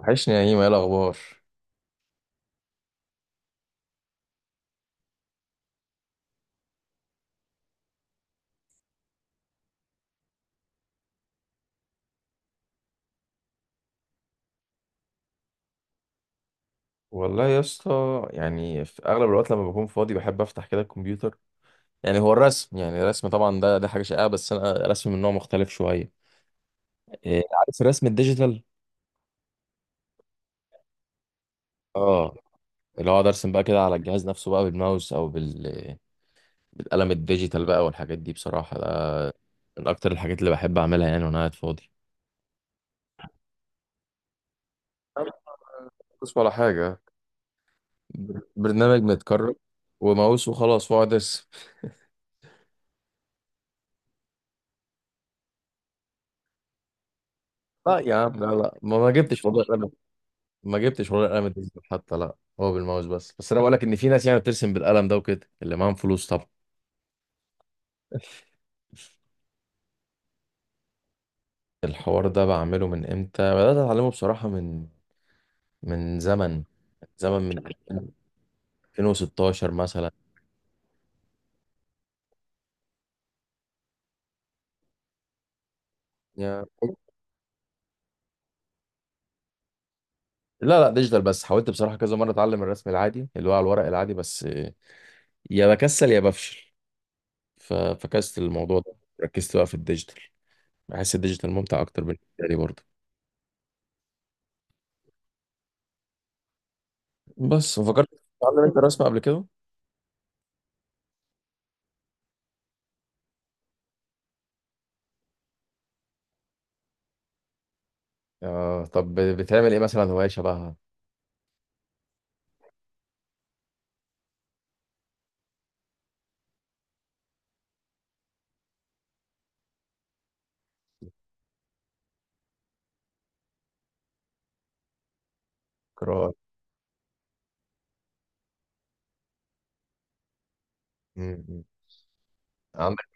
وحشني يا هيما ايه الاخبار؟ والله يا اسطى، يعني في اغلب الوقت لما بكون فاضي بحب افتح كده الكمبيوتر. يعني هو الرسم، يعني الرسم طبعا ده حاجه شائعه، بس انا رسم من نوع مختلف شويه. عارف الرسم الديجيتال؟ اه، اللي هو اقعد ارسم بقى كده على الجهاز نفسه بقى بالماوس او بالقلم الديجيتال بقى والحاجات دي. بصراحه ده من اكتر الحاجات اللي بحب اعملها يعني وانا قاعد فاضي. أنا ما بحفظش ولا حاجه. برنامج متكرر وماوس وخلاص واقعد ارسم. لا يا عم، لا لا، ما جبتش والله. ما جبتش ولا القلم الديجيتال حتى، لا هو بالماوس بس، انا بقول لك ان في ناس يعني بترسم بالقلم ده وكده، اللي معاهم فلوس طبعا. الحوار ده بعمله من امتى؟ بدات اتعلمه بصراحه من، من زمن، زمن، من 2016 مثلا يعني. لا لا، ديجيتال بس. حاولت بصراحه كذا مره اتعلم الرسم العادي اللي هو على الورق العادي، بس يا بكسل يا بفشل، ففكست الموضوع ده. ركزت بقى في الديجيتال، بحس الديجيتال ممتع اكتر بالنسبه لي برضه. بس فكرت، تتعلم انت رسم قبل كده؟ اه، طب بتعمل ايه مثلا، هواية شبهها؟ قراءة. مم. مم. عندك.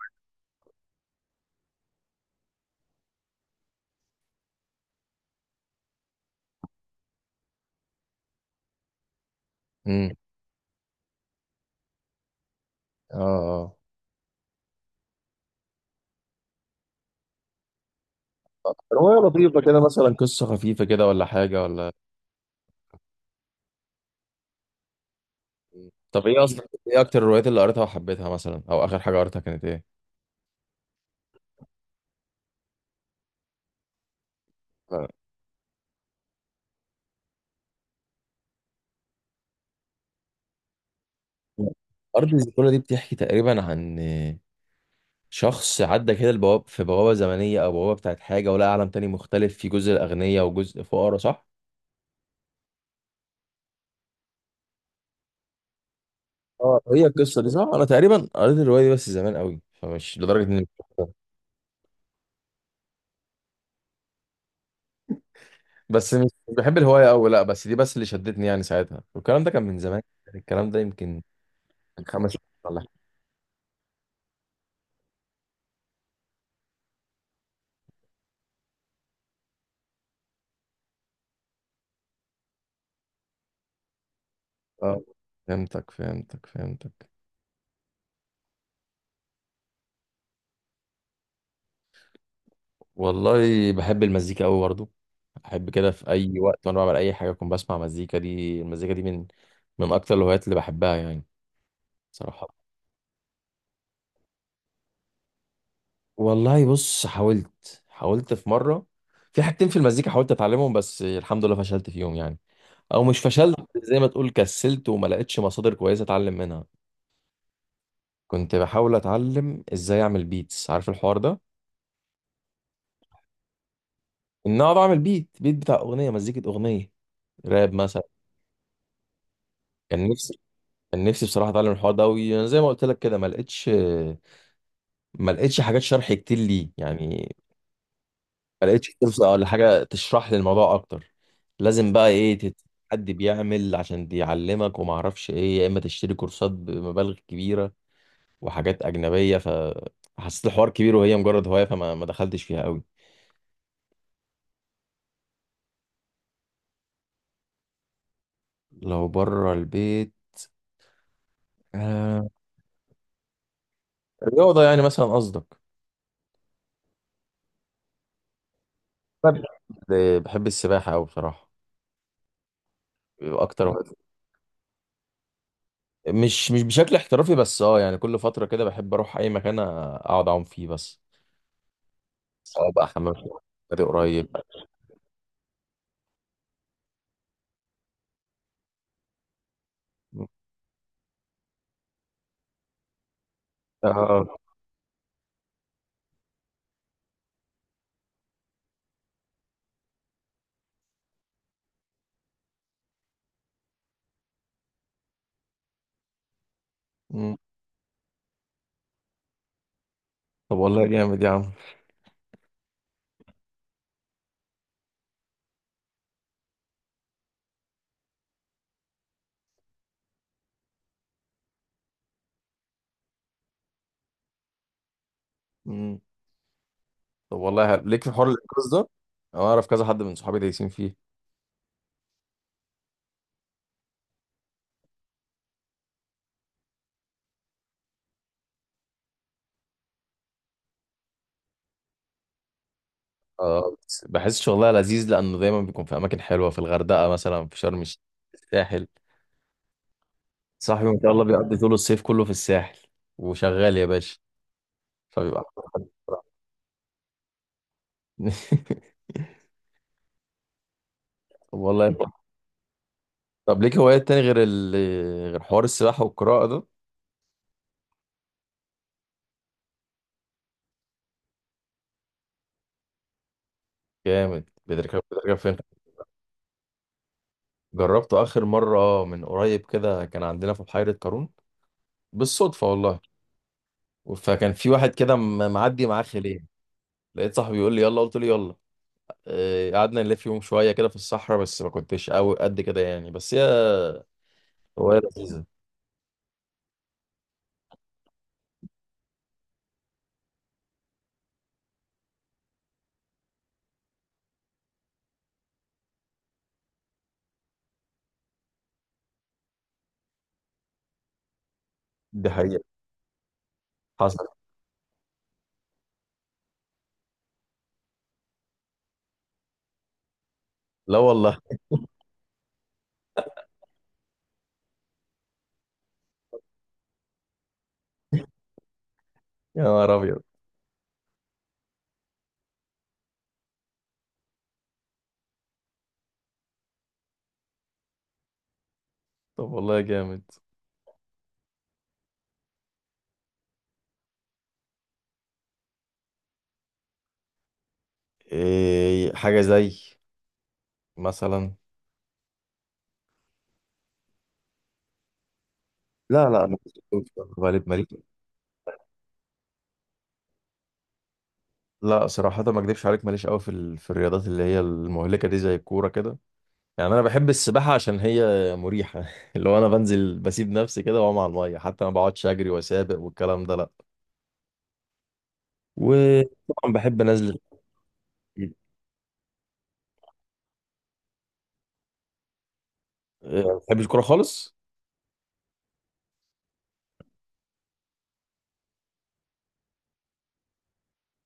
مم. اه اه. رواية لطيفة كده مثلا، قصة خفيفة كده، ولا حاجة ولا؟ مم. طب ايه اصلا، ايه اكتر الروايات اللي قريتها وحبيتها مثلا، او اخر حاجة قريتها كانت ايه؟ آه. أرض الزيكولا دي بتحكي تقريبا عن شخص عدى كده البواب في بوابة زمنية أو بوابة بتاعت حاجة، ولقى عالم تاني مختلف، في جزء الأغنياء وجزء فقراء، صح؟ اه، هي القصة دي صح؟ أنا تقريبا قريت الرواية دي بس زمان قوي، فمش لدرجة إني، بس مش بحب الهواية أوي، لأ، بس دي بس اللي شدتني يعني ساعتها، والكلام ده كان من زمان يعني، الكلام ده يمكن من خمس سنين ولا حاجة. آه، فهمتك فهمتك فهمتك. والله بحب المزيكا أوي برضه، أحب كده في أي وقت وأنا بعمل أي حاجة أكون بسمع مزيكا. دي المزيكا دي من من أكتر الهوايات اللي بحبها يعني، صراحة. والله بص، حاولت، حاولت في مرة، في حاجتين في المزيكا حاولت أتعلمهم، بس الحمد لله فشلت فيهم يعني، أو مش فشلت، زي ما تقول كسلت وما لقيتش مصادر كويسة أتعلم منها. كنت بحاول اتعلم ازاي اعمل بيتس، عارف الحوار ده؟ ان اقعد اعمل بيت، بيت بتاع اغنيه، مزيكه، اغنيه راب مثلا. كان نفسي، كان نفسي بصراحه اتعلم الحوار ده قوي، انا زي ما قلت لك كده ما لقيتش، ما لقيتش حاجات شرح كتير ليه يعني. ما لقيتش فرصه ولا حاجه تشرح لي الموضوع اكتر. لازم بقى ايه، حد بيعمل عشان بيعلمك وما اعرفش ايه، يا اما تشتري كورسات بمبالغ كبيره وحاجات اجنبيه، ف حسيت الحوار كبير وهي مجرد هوايه، فما ما دخلتش فيها قوي. لو بره البيت، آه، الرياضة يعني مثلا قصدك؟ طب، آه، بحب السباحة أوي بصراحة، أكتر واحد. مش بشكل احترافي، بس أه يعني كل فترة كده بحب أروح أي مكان أقعد أعوم فيه بس، سواء بقى حمام سباحة، نادي قريب. آه. مم. طب والله جامد يا عم. مم. طب والله حلو. ليك في حوار الإنقاذ ده؟ أنا أعرف كذا حد من صحابي دايسين فيه. أه، بس بحس شغلها لذيذ لأنه دايما بيكون في أماكن حلوة، في الغردقة مثلا، في شرم الشيخ، في الساحل. صاحبي ما شاء الله بيقضي طول الصيف كله في الساحل وشغال يا باشا، فبيبقى أحسن حد. طب والله. طب ليك هوايات تاني غير غير حوار السباحة والقراءة ده؟ جامد، بتركب، بتركب فين؟ جربته آخر مرة من قريب كده، كان عندنا في بحيرة قارون بالصدفة والله، فكان في واحد كده معدي معاه خلية، لقيت صاحبي بيقول لي يلا، قلت له يلا، آه، قعدنا نلف يوم شوية كده في الصحراء، بس ما كنتش قوي قد كده يعني، بس هي هواية لذيذة. دي حقيقة. حصل. لا والله. يا نهار أبيض. طب والله جامد. إيه، حاجة زي مثلا؟ لا لا، انا كنت بتكلم في غالب مالي. لا صراحه ما اكدبش عليك، ماليش قوي في في الرياضات اللي هي المهلكه دي زي الكوره كده. يعني انا بحب السباحه عشان هي مريحه اللي هو انا بنزل بسيب نفسي كده واقوم على الميه، حتى ما بقعدش اجري واسابق والكلام ده، لا. وطبعا بحب انزل. ما بحبش الكوره خالص.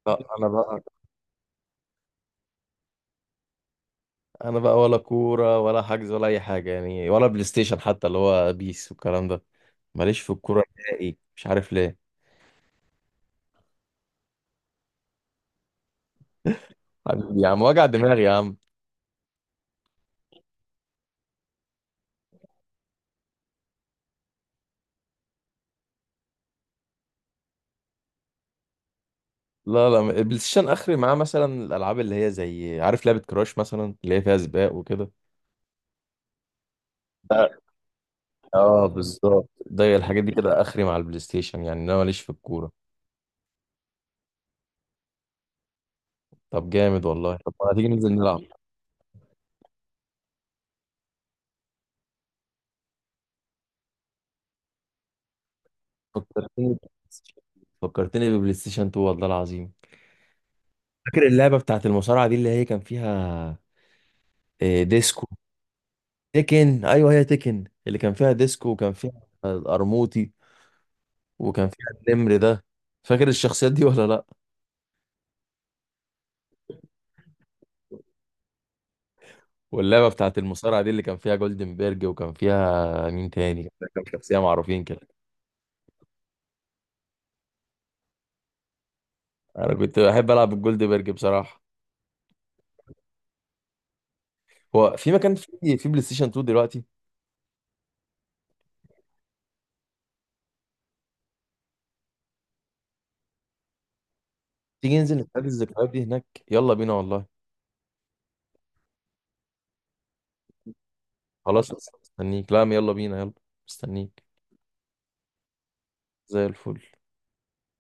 لا، انا بقى ولا كوره ولا حجز ولا اي حاجه يعني، ولا بلاي ستيشن حتى اللي هو بيس والكلام ده. ماليش في الكوره نهائي، مش عارف ليه. حبيبي يا عم، وجع دماغي يا عم. لا لا، البلاي ستيشن اخري معاه، مثلا الالعاب اللي هي زي عارف لعبه كراش مثلا اللي هي فيها سباق وكده. لا، اه بالظبط، ده الحاجات دي كده اخري مع البلاي ستيشن، يعني انا ماليش في الكوره. طب جامد والله، طب ما تيجي ننزل نلعب؟ فكرتني، فكرتني ببلاي ستيشن 2 والله العظيم. فاكر اللعبه بتاعت المصارعه دي اللي هي كان فيها، آه، ديسكو؟ تيكن، ايوه هي تيكن، اللي كان فيها ديسكو وكان فيها القرموطي وكان فيها النمر ده، فاكر الشخصيات دي ولا لا؟ واللعبه بتاعت المصارعه دي اللي كان فيها جولدنبرج وكان فيها مين تاني، كان فيها كام شخصيه معروفين كده. انا كنت بحب العب الجولدنبرج بصراحه. هو في مكان في بلاي ستيشن 2 دلوقتي؟ تيجي ننزل نتقابل الذكريات دي هناك؟ يلا بينا والله. خلاص، مستنيك، لا يلا بينا، يلا، مستنيك. زي الفل.